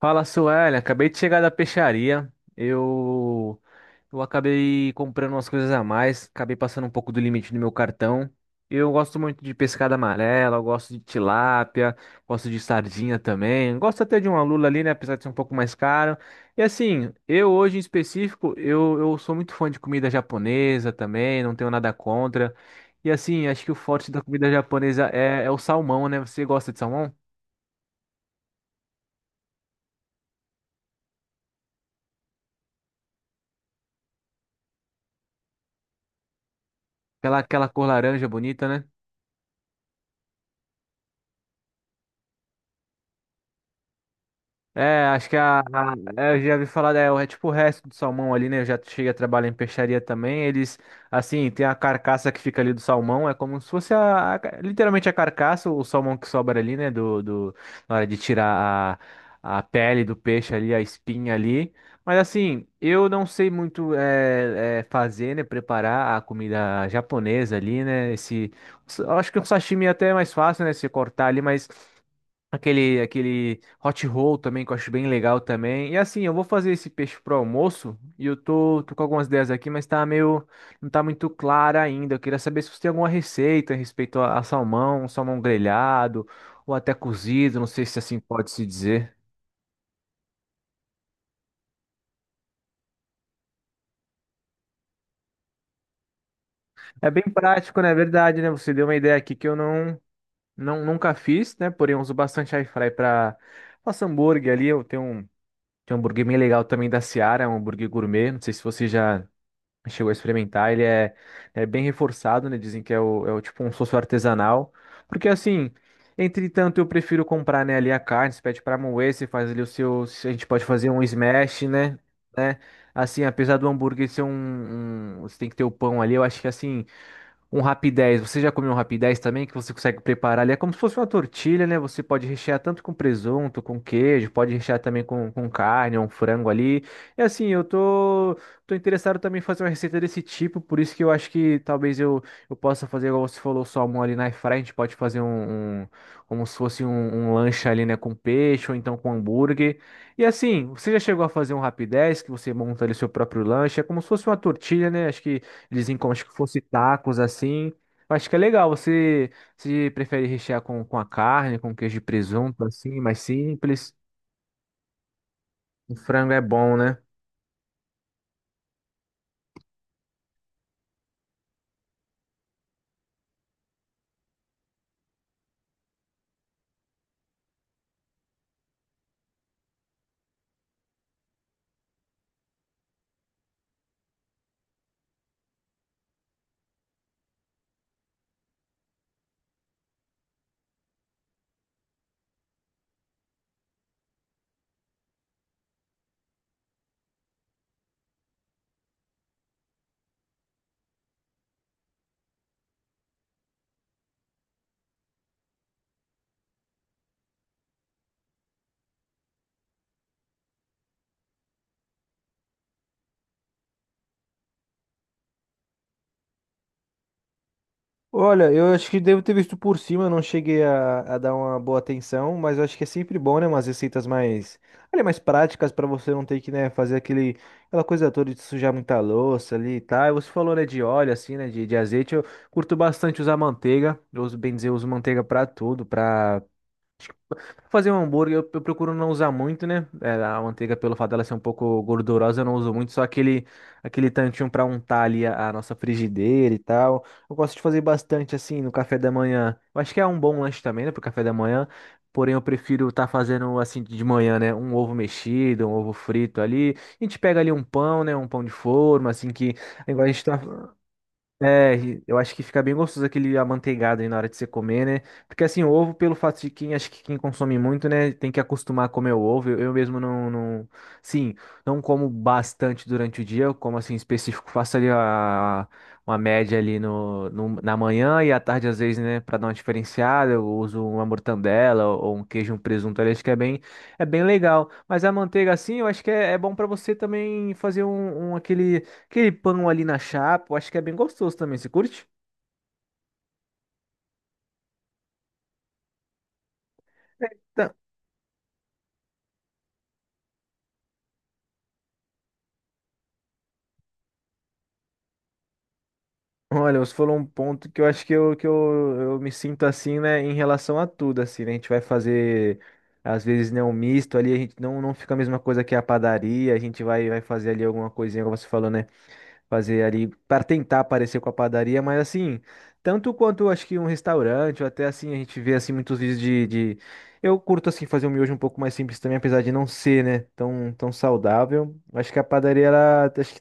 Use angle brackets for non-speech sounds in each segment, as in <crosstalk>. Fala, Suélia. Acabei de chegar da peixaria. Eu acabei comprando umas coisas a mais, acabei passando um pouco do limite do meu cartão. Eu gosto muito de pescada amarela, eu gosto de tilápia, gosto de sardinha também. Gosto até de uma lula ali, né, apesar de ser um pouco mais caro. E assim, eu hoje em específico, eu sou muito fã de comida japonesa também, não tenho nada contra. E assim, acho que o forte da comida japonesa é o salmão, né? Você gosta de salmão? Aquela cor laranja bonita, né? É, acho que é, eu já vi falar, é, é tipo o resto do salmão ali, né? Eu já cheguei a trabalhar em peixaria também. Eles, assim, tem a carcaça que fica ali do salmão, é como se fosse a literalmente a carcaça, o salmão que sobra ali, né? Na hora de tirar a pele do peixe ali, a espinha ali. Mas assim, eu não sei muito fazer, né? Preparar a comida japonesa ali, né? Esse, eu acho que o sashimi é até mais fácil, né? Se cortar ali, mas. Aquele hot roll também, que eu acho bem legal também. E assim, eu vou fazer esse peixe pro almoço e eu tô com algumas ideias aqui, mas tá meio, não tá muito clara ainda. Eu queria saber se você tem alguma receita a respeito a salmão, salmão grelhado ou até cozido, não sei se assim pode se dizer. É bem prático, na verdade, né? Você deu uma ideia aqui que eu não nunca fiz, né? Porém, eu uso bastante air fry para faço hambúrguer ali, tenho um hambúrguer bem legal também da Seara, é um hambúrguer gourmet, não sei se você já chegou a experimentar, ele é, é bem reforçado, né? Dizem que é o tipo um sosso artesanal. Porque assim, entretanto, eu prefiro comprar, né, ali a carne, você pede pra moer, você faz ali o seu. A gente pode fazer um smash, né? Né? Assim, apesar do hambúrguer ser um, Você tem que ter o pão ali, eu acho que assim. Um rapidez, você já comeu um rapidez também que você consegue preparar ali? É como se fosse uma tortilha, né? Você pode rechear tanto com presunto, com queijo, pode rechear também com carne, um frango ali. É assim, eu tô interessado também em fazer uma receita desse tipo, por isso que eu acho que talvez eu possa fazer, igual você falou, salmão ali na air a gente pode fazer um, como se fosse um, um lanche ali, né? Com peixe ou então com hambúrguer. E assim, você já chegou a fazer um rapidez que você monta ali seu próprio lanche? É como se fosse uma tortilha, né? Acho que dizem como acho que fosse tacos assim. Eu acho que é legal. Você se prefere rechear com a carne, com queijo e presunto, assim, mais simples. O frango é bom, né? Olha, eu acho que devo ter visto por cima, eu não cheguei a dar uma boa atenção, mas eu acho que é sempre bom, né? Umas receitas mais, olha, mais práticas pra você não ter que, né, fazer aquele, aquela coisa toda de sujar muita louça ali e tal. E você falou, né, de óleo, assim, né, de azeite. Eu curto bastante usar manteiga. Eu uso, bem dizer, eu uso manteiga pra tudo, pra fazer um hambúrguer, eu procuro não usar muito, né? É, a manteiga, pelo fato dela ser um pouco gordurosa, eu não uso muito, só aquele, aquele tantinho para untar ali a nossa frigideira e tal. Eu gosto de fazer bastante assim no café da manhã. Eu acho que é um bom lanche também, né, pro café da manhã. Porém, eu prefiro estar fazendo assim de manhã, né? Um ovo mexido, um ovo frito ali. A gente pega ali um pão, né? Um pão de forma, assim que. Igual a gente tá. É, eu acho que fica bem gostoso aquele amanteigado aí na hora de você comer, né? Porque assim, o ovo, pelo fato de quem, acho que quem consome muito, né, tem que acostumar a comer o ovo. Eu mesmo sim, não como bastante durante o dia, eu como assim específico, faço ali a, uma média ali na manhã e à tarde às vezes, né, pra dar uma diferenciada, eu uso uma mortandela ou um queijo, um presunto ali, acho que é bem legal. Mas a manteiga assim, eu acho que é bom pra você também fazer um, um aquele pão ali na chapa, eu acho que é bem gostoso também. Você curte? Então, olha, você falou um ponto que eu acho eu me sinto assim, né, em relação a tudo, assim, né? A gente vai fazer, às vezes, né, um misto ali, a gente não fica a mesma coisa que a padaria, a gente vai fazer ali alguma coisinha, como você falou, né? Fazer ali para tentar parecer com a padaria, mas assim, tanto quanto acho que um restaurante, ou até assim, a gente vê assim muitos vídeos de... Eu curto assim fazer um miojo um pouco mais simples também, apesar de não ser, né, tão, tão saudável. Acho que a padaria, ela, acho que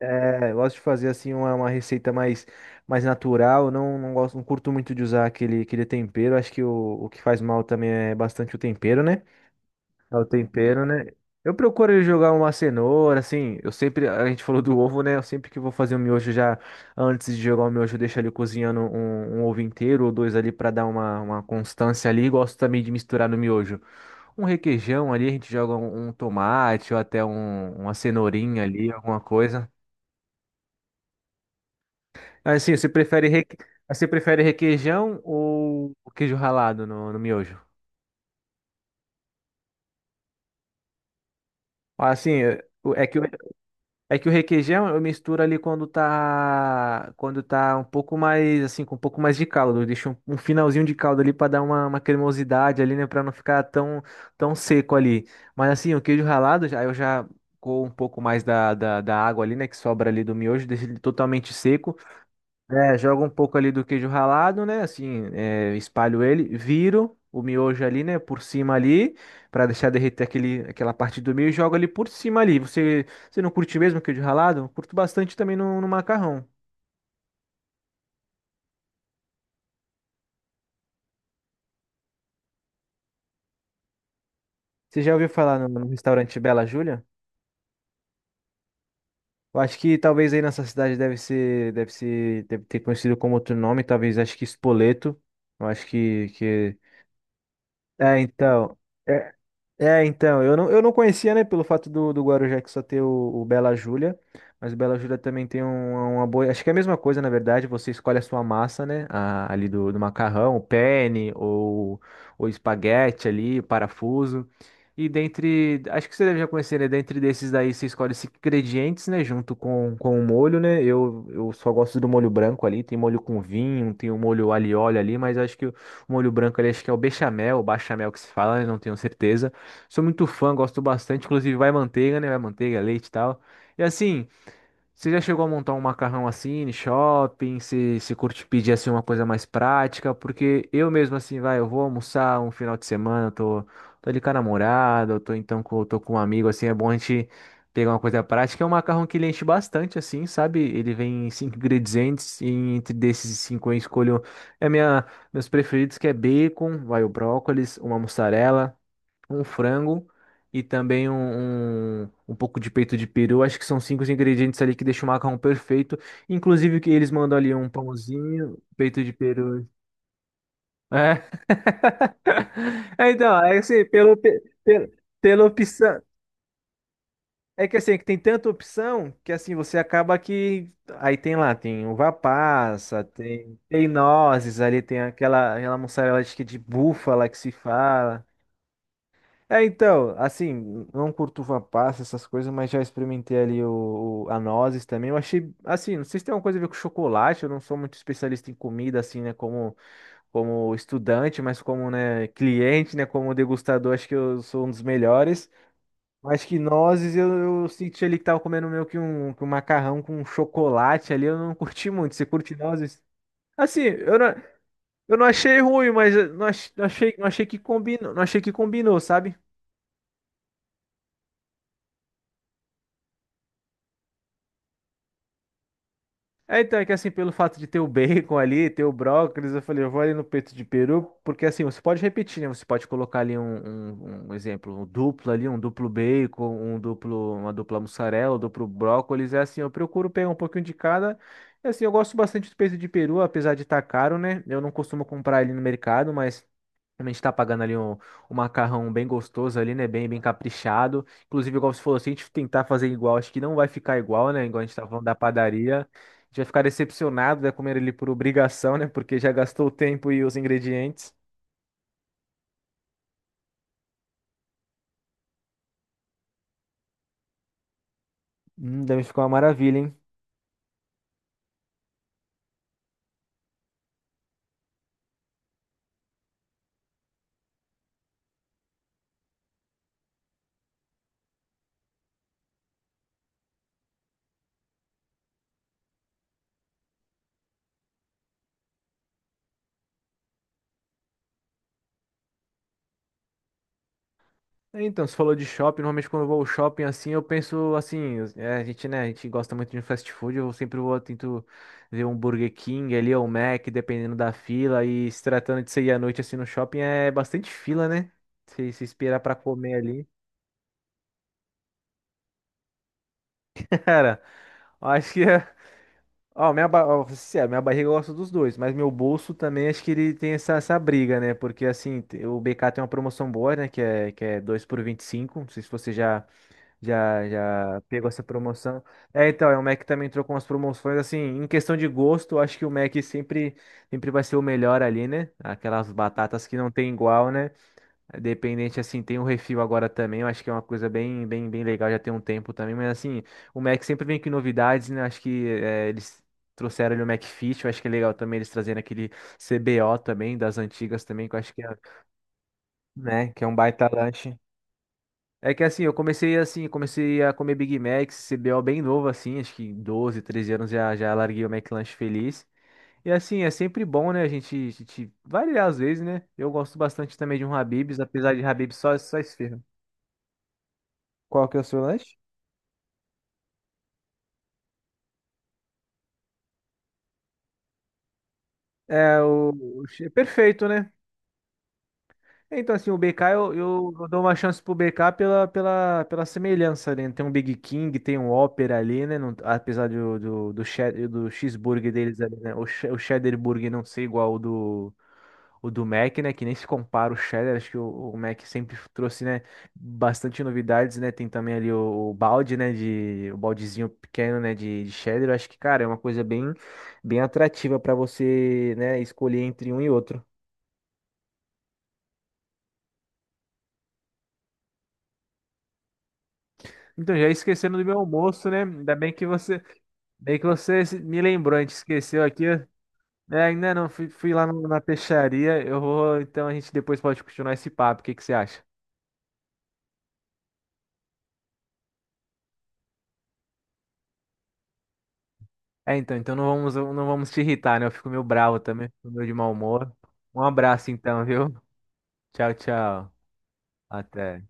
é, eu gosto de fazer assim uma receita mais, mais natural, não gosto, não curto muito de usar aquele, aquele tempero, acho que o que faz mal também é bastante o tempero, né? É o tempero, né? Eu procuro jogar uma cenoura, assim, eu sempre, a gente falou do ovo, né? Eu sempre que vou fazer um miojo já, antes de jogar o miojo, eu deixo ali cozinhando um, um ovo inteiro ou dois ali pra dar uma constância ali. Gosto também de misturar no miojo um requeijão ali, a gente joga um, um tomate ou até uma cenourinha ali, alguma coisa. Assim, você prefere, reque... você prefere requeijão ou queijo ralado no miojo? Assim, é que é que o requeijão eu misturo ali quando tá um pouco mais assim, com um pouco mais de caldo. Eu deixo um, um finalzinho de caldo ali para dar uma cremosidade ali, né, para não ficar tão tão seco ali. Mas assim, o queijo ralado já eu já com um pouco mais da água ali, né, que sobra ali do miojo, deixo ele totalmente seco. É, jogo um pouco ali do queijo ralado, né? Assim, é, espalho ele, viro o miojo ali, né? Por cima ali, pra deixar derreter aquele, aquela parte do meio e jogo ali por cima ali. Você não curte mesmo queijo ralado? Eu curto bastante também no macarrão. Você já ouviu falar no restaurante Bela Júlia? Eu acho que talvez aí nessa cidade deve ter conhecido como outro nome, talvez acho que Espoleto. Eu acho que... É, então. É, é, então, eu não conhecia, né, pelo fato do Guarujá que só ter o Bela Júlia, mas o Bela Júlia também tem uma boa, acho que é a mesma coisa, na verdade, você escolhe a sua massa, né, ali do macarrão, o penne, ou o espaguete ali, o parafuso, e dentre, acho que você deve já conhecer, né, dentre desses daí você escolhe os ingredientes, né, junto com o molho, né, eu só gosto do molho branco ali, tem molho com vinho, tem o molho alho e óleo ali, mas acho que o molho branco ali, acho que é o bechamel, o bachamel que se fala, né, não tenho certeza, sou muito fã, gosto bastante. Inclusive, vai manteiga, né? Vai manteiga, leite e tal. E assim, você já chegou a montar um macarrão assim, em shopping? Se curte pedir assim uma coisa mais prática? Porque eu mesmo, assim, vai, eu vou almoçar um final de semana, eu tô ali com a namorada, eu tô então com, tô com um amigo, assim, é bom a gente pegar uma coisa prática. É um macarrão que ele enche bastante, assim, sabe? Ele vem em cinco ingredientes, e entre desses cinco eu escolho é minha, meus preferidos, que é bacon, vai o brócolis, uma mussarela um frango e também um pouco de peito de peru. Acho que são cinco os ingredientes ali que deixam o macarrão perfeito. Inclusive que eles mandam ali um pãozinho, peito de peru. É. <laughs> É, então, é assim, pela opção. É que assim, é que tem tanta opção que assim, você acaba que. Aí tem lá, tem uva passa, tem nozes ali, tem aquela, aquela mussarela acho que de búfala que se fala. É, então, assim, não curto uva passa, essas coisas, mas já experimentei ali a nozes também. Eu achei, assim, não sei se tem alguma coisa a ver com chocolate, eu não sou muito especialista em comida, assim, né, como, como estudante, mas como, né, cliente, né, como degustador, acho que eu sou um dos melhores. Mas que nozes, eu senti ali que tava comendo meio que um macarrão com chocolate ali, eu não <laughs> curti muito. Você curte nozes? Assim, eu não achei ruim, mas eu não não achei que combinou, não achei que combinou, sabe? É, então, é que assim, pelo fato de ter o bacon ali, ter o brócolis, eu falei, eu vou ali no peito de peru, porque assim, você pode repetir, né? Você pode colocar ali um exemplo, um duplo ali, um duplo bacon, um duplo, uma dupla mussarela, um duplo brócolis, é assim, eu procuro pegar um pouquinho de cada. E assim, eu gosto bastante do peito de peru, apesar de estar caro, né? Eu não costumo comprar ele no mercado, mas a gente tá pagando ali um, um macarrão bem gostoso ali, né? Bem, bem caprichado. Inclusive, igual você falou, se a gente tentar fazer igual, acho que não vai ficar igual, né? Igual a gente tava falando da padaria. A gente vai ficar decepcionado, né? Comer ele por obrigação, né? Porque já gastou o tempo e os ingredientes. Deve ficar uma maravilha, hein? É, então, você falou de shopping, normalmente quando eu vou ao shopping assim, eu penso assim, é, a gente, né, a gente gosta muito de um fast food, eu sempre vou, tento ver um Burger King ali, ou um Mac, dependendo da fila, e se tratando de sair à noite assim no shopping, é bastante fila, né? Se esperar pra comer ali, <laughs> cara, eu acho que é... Ó, minha, ba... ó, sincero, minha barriga gosta dos dois, mas meu bolso também acho que ele tem essa, essa briga, né? Porque assim, o BK tem uma promoção boa, né? Que é 2 por 25. Não sei se você já pegou essa promoção. É, então, é, o Mac também entrou com as promoções, assim, em questão de gosto, eu acho que o Mac sempre, sempre vai ser o melhor ali, né? Aquelas batatas que não tem igual, né? Dependente, assim, tem o refil agora também, eu acho que é uma coisa bem, bem, bem legal, já tem um tempo também, mas assim, o Mac sempre vem com novidades, né? Acho que é, eles trouxeram ali o McFit, eu acho que é legal também eles trazendo aquele CBO também, das antigas também, que eu acho que é, né, que é um baita lanche. É que assim, eu comecei assim, comecei a comer Big Mac, CBO bem novo assim, acho que 12, 13 anos já, já larguei o McLanche feliz. E assim, é sempre bom, né, a gente variar às vezes, né? Eu gosto bastante também de um Habib's, apesar de Habib's só esfirra. Qual que é o seu lanche? É o... Perfeito, né? Então, assim, o BK, eu dou uma chance pro BK pela, pela, pela semelhança, né? Tem um Big King, tem um Opera ali, né? Apesar do cheeseburger deles ali, né? O cheddar burger não ser igual o do Mac, né? Que nem se compara o cheddar. Acho que o Mac sempre trouxe, né? Bastante novidades, né? Tem também ali o balde, né? De, o baldezinho pequeno, né? De cheddar. Eu acho que, cara, é uma coisa bem, bem atrativa para você, né? Escolher entre um e outro. Então, já esquecendo do meu almoço, né? Ainda bem que você me lembrou, a gente esqueceu aqui. É, ainda não, fui, fui lá na peixaria. Eu vou, então a gente depois pode continuar esse papo. O que que você acha? É, então, então não vamos, não vamos te irritar, né? Eu fico meio bravo também, fico meio de mau humor. Um abraço então, viu? Tchau, tchau. Até.